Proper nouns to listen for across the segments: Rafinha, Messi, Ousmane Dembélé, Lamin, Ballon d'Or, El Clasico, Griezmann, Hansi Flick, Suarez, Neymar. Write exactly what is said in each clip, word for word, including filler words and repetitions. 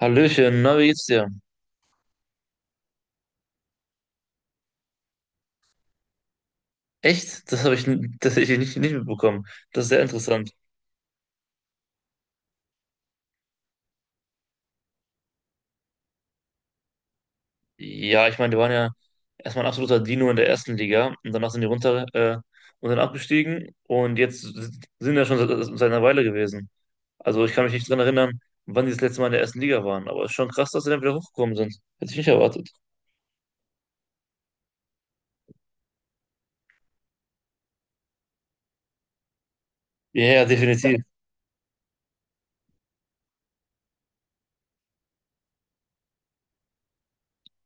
Hallöchen, na, wie geht's dir? Echt? Das habe ich n- tatsächlich nicht, nicht mitbekommen. Das ist sehr interessant. Ja, ich meine, die waren ja erstmal ein absoluter Dino in der ersten Liga und danach sind die runter, äh, und dann abgestiegen und jetzt sind ja schon seit, seit einer Weile gewesen. Also ich kann mich nicht dran erinnern, wann die das letzte Mal in der ersten Liga waren, aber es ist schon krass, dass sie dann wieder hochgekommen sind. Hätte ich nicht erwartet. Ja, ja, definitiv.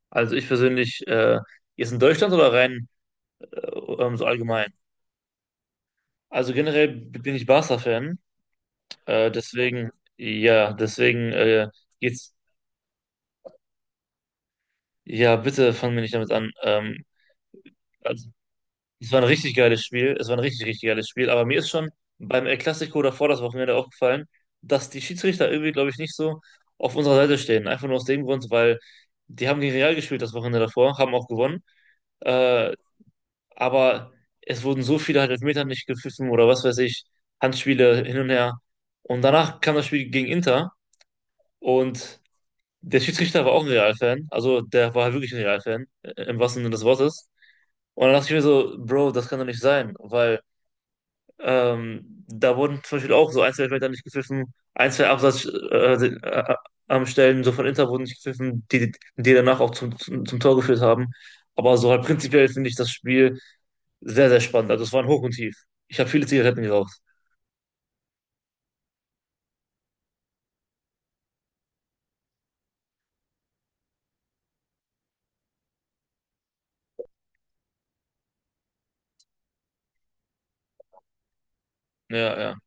Also ich persönlich, äh, jetzt in Deutschland oder rein, äh, ähm, so allgemein? Also generell bin ich Barca-Fan. Äh, deswegen, ja, deswegen, äh, geht's. Ja, bitte fangen wir nicht damit an. Ähm, also, es war ein richtig geiles Spiel. Es war ein richtig, richtig geiles Spiel. Aber mir ist schon beim El Clasico davor das Wochenende aufgefallen, dass die Schiedsrichter irgendwie, glaube ich, nicht so auf unserer Seite stehen. Einfach nur aus dem Grund, weil die haben gegen Real gespielt das Wochenende davor, haben auch gewonnen. Äh, aber es wurden so viele halt Elfmeter nicht gepfiffen oder was weiß ich, Handspiele hin und her. Und danach kam das Spiel gegen Inter und der Schiedsrichter war auch ein Real-Fan, also der war halt wirklich ein Real-Fan, äh, im wahrsten Sinne des Wortes. Und dann dachte ich mir so, Bro, das kann doch nicht sein, weil, ähm, da wurden zum Beispiel auch so ein, zwei Elfmeter nicht gepfiffen, ein, zwei Absatz, äh, äh, am Stellen so von Inter wurden nicht gepfiffen, die, die danach auch zum, zum, zum Tor geführt haben. Aber so halt prinzipiell finde ich das Spiel sehr, sehr spannend. Also es war ein Hoch und Tief. Ich habe viele Zigaretten geraucht. Ja, ja,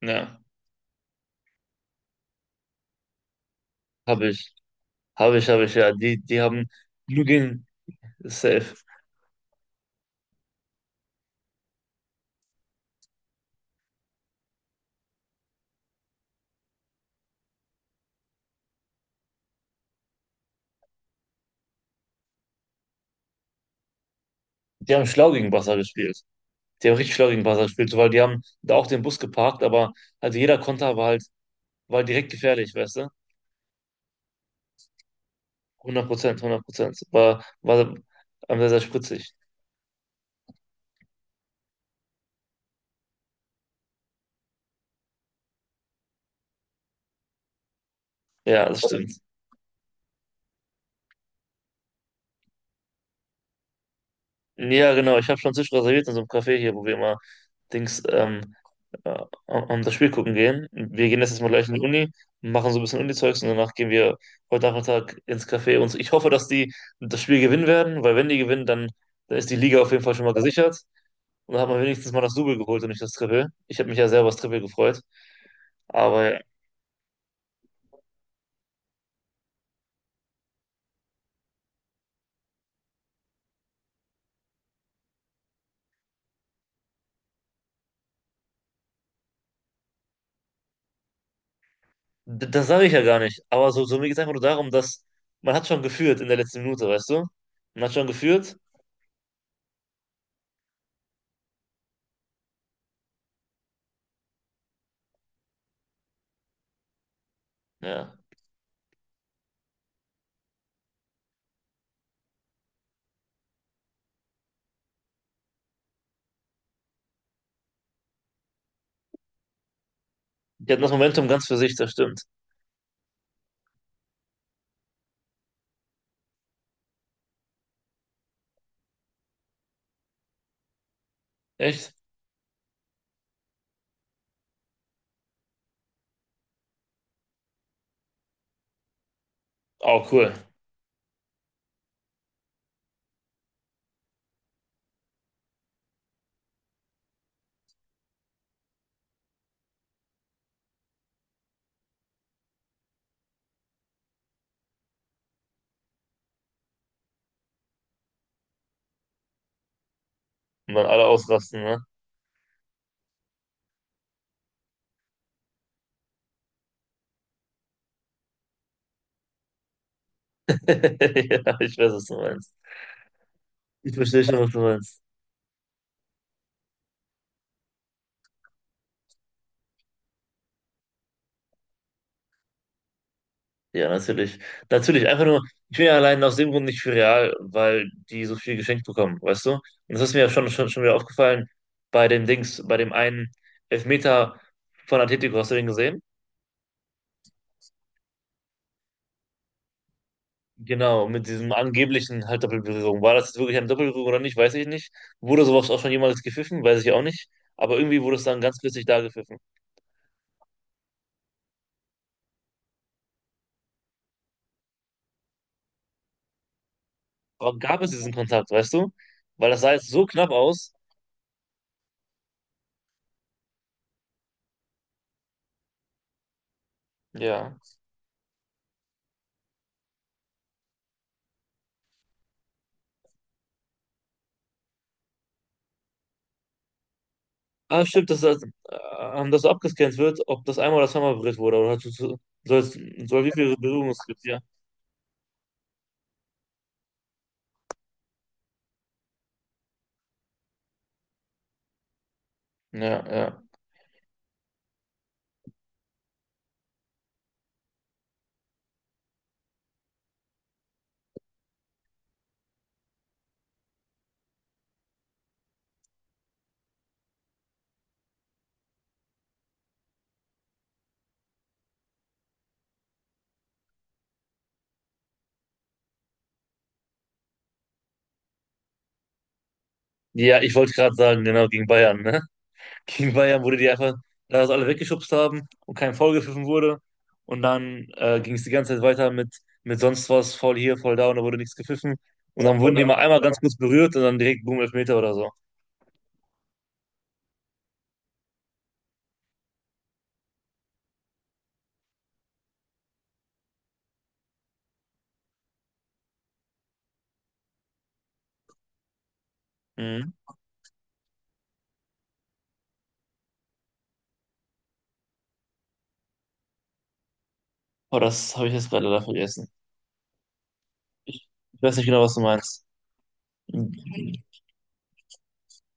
ja. Habe ich. Habe ich, habe ich, ja. Die, die haben nur gegen, safe. Die haben schlau gegen Barca gespielt. Die haben richtig florigen Ball gespielt, so, weil die haben da auch den Bus geparkt, aber also jeder Konter war halt, war halt direkt gefährlich, weißt du? hundert Prozent, hundert Prozent. War, war, ähm, sehr, sehr spritzig. Ja, das stimmt. Ja, genau. Ich habe schon Tisch reserviert in so einem Café hier, wo wir immer Dings, ähm, äh, am am das Spiel gucken gehen. Wir gehen jetzt erstmal gleich in die Uni, machen so ein bisschen Uni-Zeugs und danach gehen wir heute Nachmittag ins Café. Und so, ich hoffe, dass die das Spiel gewinnen werden, weil wenn die gewinnen, dann, dann ist die Liga auf jeden Fall schon mal gesichert. Und hat man wenigstens mal das Double geholt und nicht das Triple. Ich habe mich ja selber über das Triple gefreut. Aber d- das sage ich ja gar nicht. Aber so, so mir geht es einfach nur darum, dass man hat schon geführt in der letzten Minute, weißt du? Man hat schon geführt. Ja. Die hatten das Momentum ganz für sich, das stimmt. Echt? Oh, cool. Und dann alle ausrasten, ne? Ja, ich weiß, was du meinst. Ich verstehe schon, was du meinst. Ja, natürlich. Natürlich, einfach nur, ich bin ja allein aus dem Grund nicht für Real, weil die so viel geschenkt bekommen, weißt du? Und das ist mir ja schon, schon, schon wieder aufgefallen bei dem Dings, bei dem einen Elfmeter von Atletico, hast du den gesehen? Genau, mit diesem angeblichen halt Doppelberührung. War das jetzt wirklich eine Doppelberührung oder nicht, weiß ich nicht. Wurde sowas auch schon jemals gepfiffen, weiß ich auch nicht. Aber irgendwie wurde es dann ganz plötzlich da gepfiffen. Aber gab es diesen Kontakt, weißt du? Weil das sah jetzt so knapp aus. Ja. Ah, stimmt, dass das, äh, das so abgescannt wird, ob das einmal oder zweimal berührt wurde. Oder hast du- soll, es- soll, wie viele Berührungen es gibt, ja. Ja, ja. Ja, ich wollte gerade sagen, genau, gegen Bayern, ne? Gegen Bayern wurde die einfach, da das alle weggeschubst haben und kein Foul gepfiffen wurde. Und dann, äh, ging es die ganze Zeit weiter mit, mit sonst was, Foul hier, Foul da und da wurde nichts gepfiffen. Und dann wurden die mal einmal ganz kurz berührt und dann direkt Boom, Elfmeter oder so. Mhm. Oh, das habe ich jetzt gerade leider vergessen. Ich Ich weiß nicht genau, was du meinst.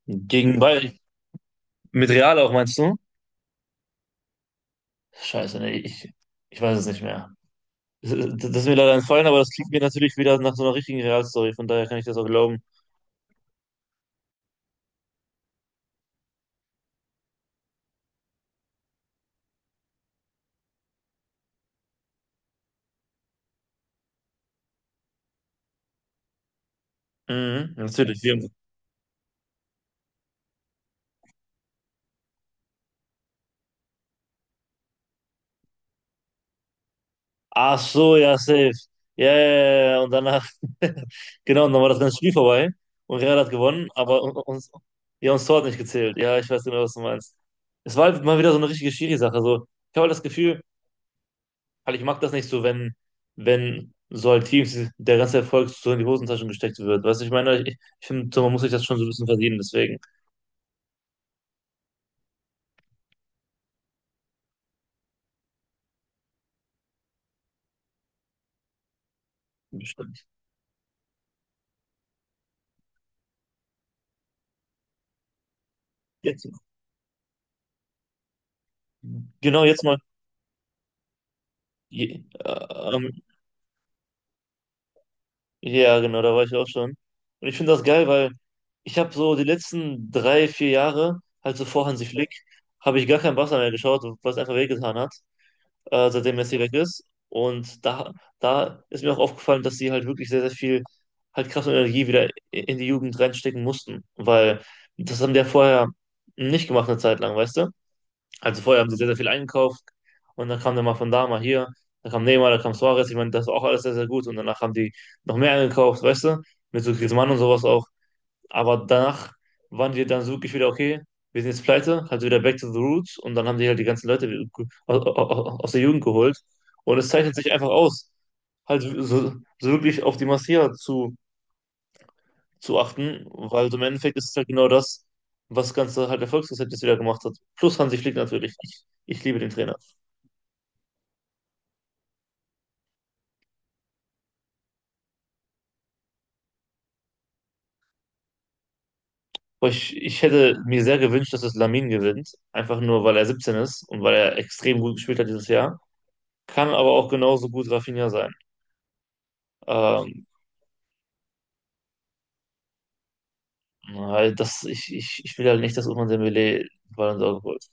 Gegen Bayern. Mit Real auch, meinst du? Scheiße, nee, ich, ich weiß es nicht mehr. Das Das ist mir leider entfallen, aber das klingt mir natürlich wieder nach so einer richtigen Real-Story, von daher kann ich das auch glauben. Mhm, natürlich. Wir haben- Ach so, ja, safe. Ja, ja, ja, ja, ja, und danach, genau, und dann war das ganze Spiel vorbei und Real hat gewonnen, aber un- uns, ja, uns Tor hat nicht gezählt. Ja, ich weiß genau, was du meinst. Es war halt mal wieder so eine richtige Schiri-Sache. So, ich habe halt das Gefühl, weil ich mag das nicht so, wenn, wenn so halt Teams der ganze Erfolg so in die Hosentaschen gesteckt wird. Weißt du, ich meine, ich, ich finde, so, man muss sich das schon so ein bisschen verdienen, deswegen. Bestimmt. Jetzt, genau, jetzt mal. Je, äh, ähm, ja, genau, da war ich auch schon. Und ich finde das geil, weil ich habe so die letzten drei, vier Jahre, halt so vor Hansi Flick, habe ich gar kein Barca mehr geschaut, was einfach wehgetan hat. Äh, seitdem Messi weg ist. Und da, da ist mir auch aufgefallen, dass sie halt wirklich sehr, sehr viel halt Kraft und Energie wieder in die Jugend reinstecken mussten, weil das haben die ja vorher nicht gemacht eine Zeit lang, weißt du? Also vorher haben sie sehr, sehr viel eingekauft und dann kam der mal von da, mal hier, da kam Neymar, da kam Suarez, ich meine, das war auch alles sehr, sehr gut und danach haben die noch mehr eingekauft, weißt du? Mit so Griezmann und sowas auch. Aber danach waren die dann so wirklich wieder, okay, wir sind jetzt pleite, halt wieder back to the roots und dann haben die halt die ganzen Leute aus, aus der Jugend geholt. Und es zeichnet sich einfach aus, halt so, so so wirklich auf die Massier zu, zu achten, weil so im Endeffekt ist es halt genau das, was das Ganze halt Erfolgsrezept jetzt wieder gemacht hat. Plus Hansi Flick natürlich. Ich, ich liebe den Trainer. Aber ich, ich hätte mir sehr gewünscht, dass es Lamin gewinnt, einfach nur weil er siebzehn ist und weil er extrem gut gespielt hat dieses Jahr. Kann aber auch genauso gut Rafinha sein. Ähm, Weil das, ich, ich, ich will halt nicht, dass Ousmane Dembélé Ballon d'Or holt.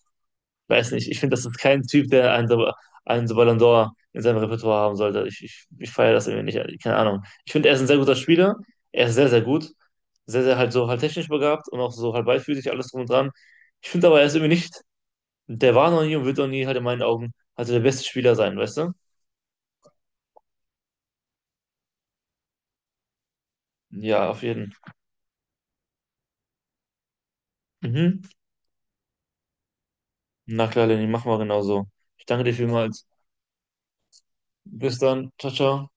Weiß nicht, ich finde, das ist kein Typ, der einen, so- einen so Ballon d'Or in seinem Repertoire haben sollte. Ich, ich, ich feiere das irgendwie nicht, keine Ahnung. Ich finde, er ist ein sehr guter Spieler, er ist sehr, sehr gut, sehr, sehr halt so halt technisch begabt und auch so halt beidfüßig, alles drum und dran. Ich finde aber, er ist irgendwie nicht, der war noch nie und wird noch nie halt in meinen Augen halt so der beste Spieler sein, weißt du? Ja, auf jeden. Mhm. Na klar, Lenny, mach mal genauso. Ich danke dir vielmals. Bis dann. Ciao, ciao.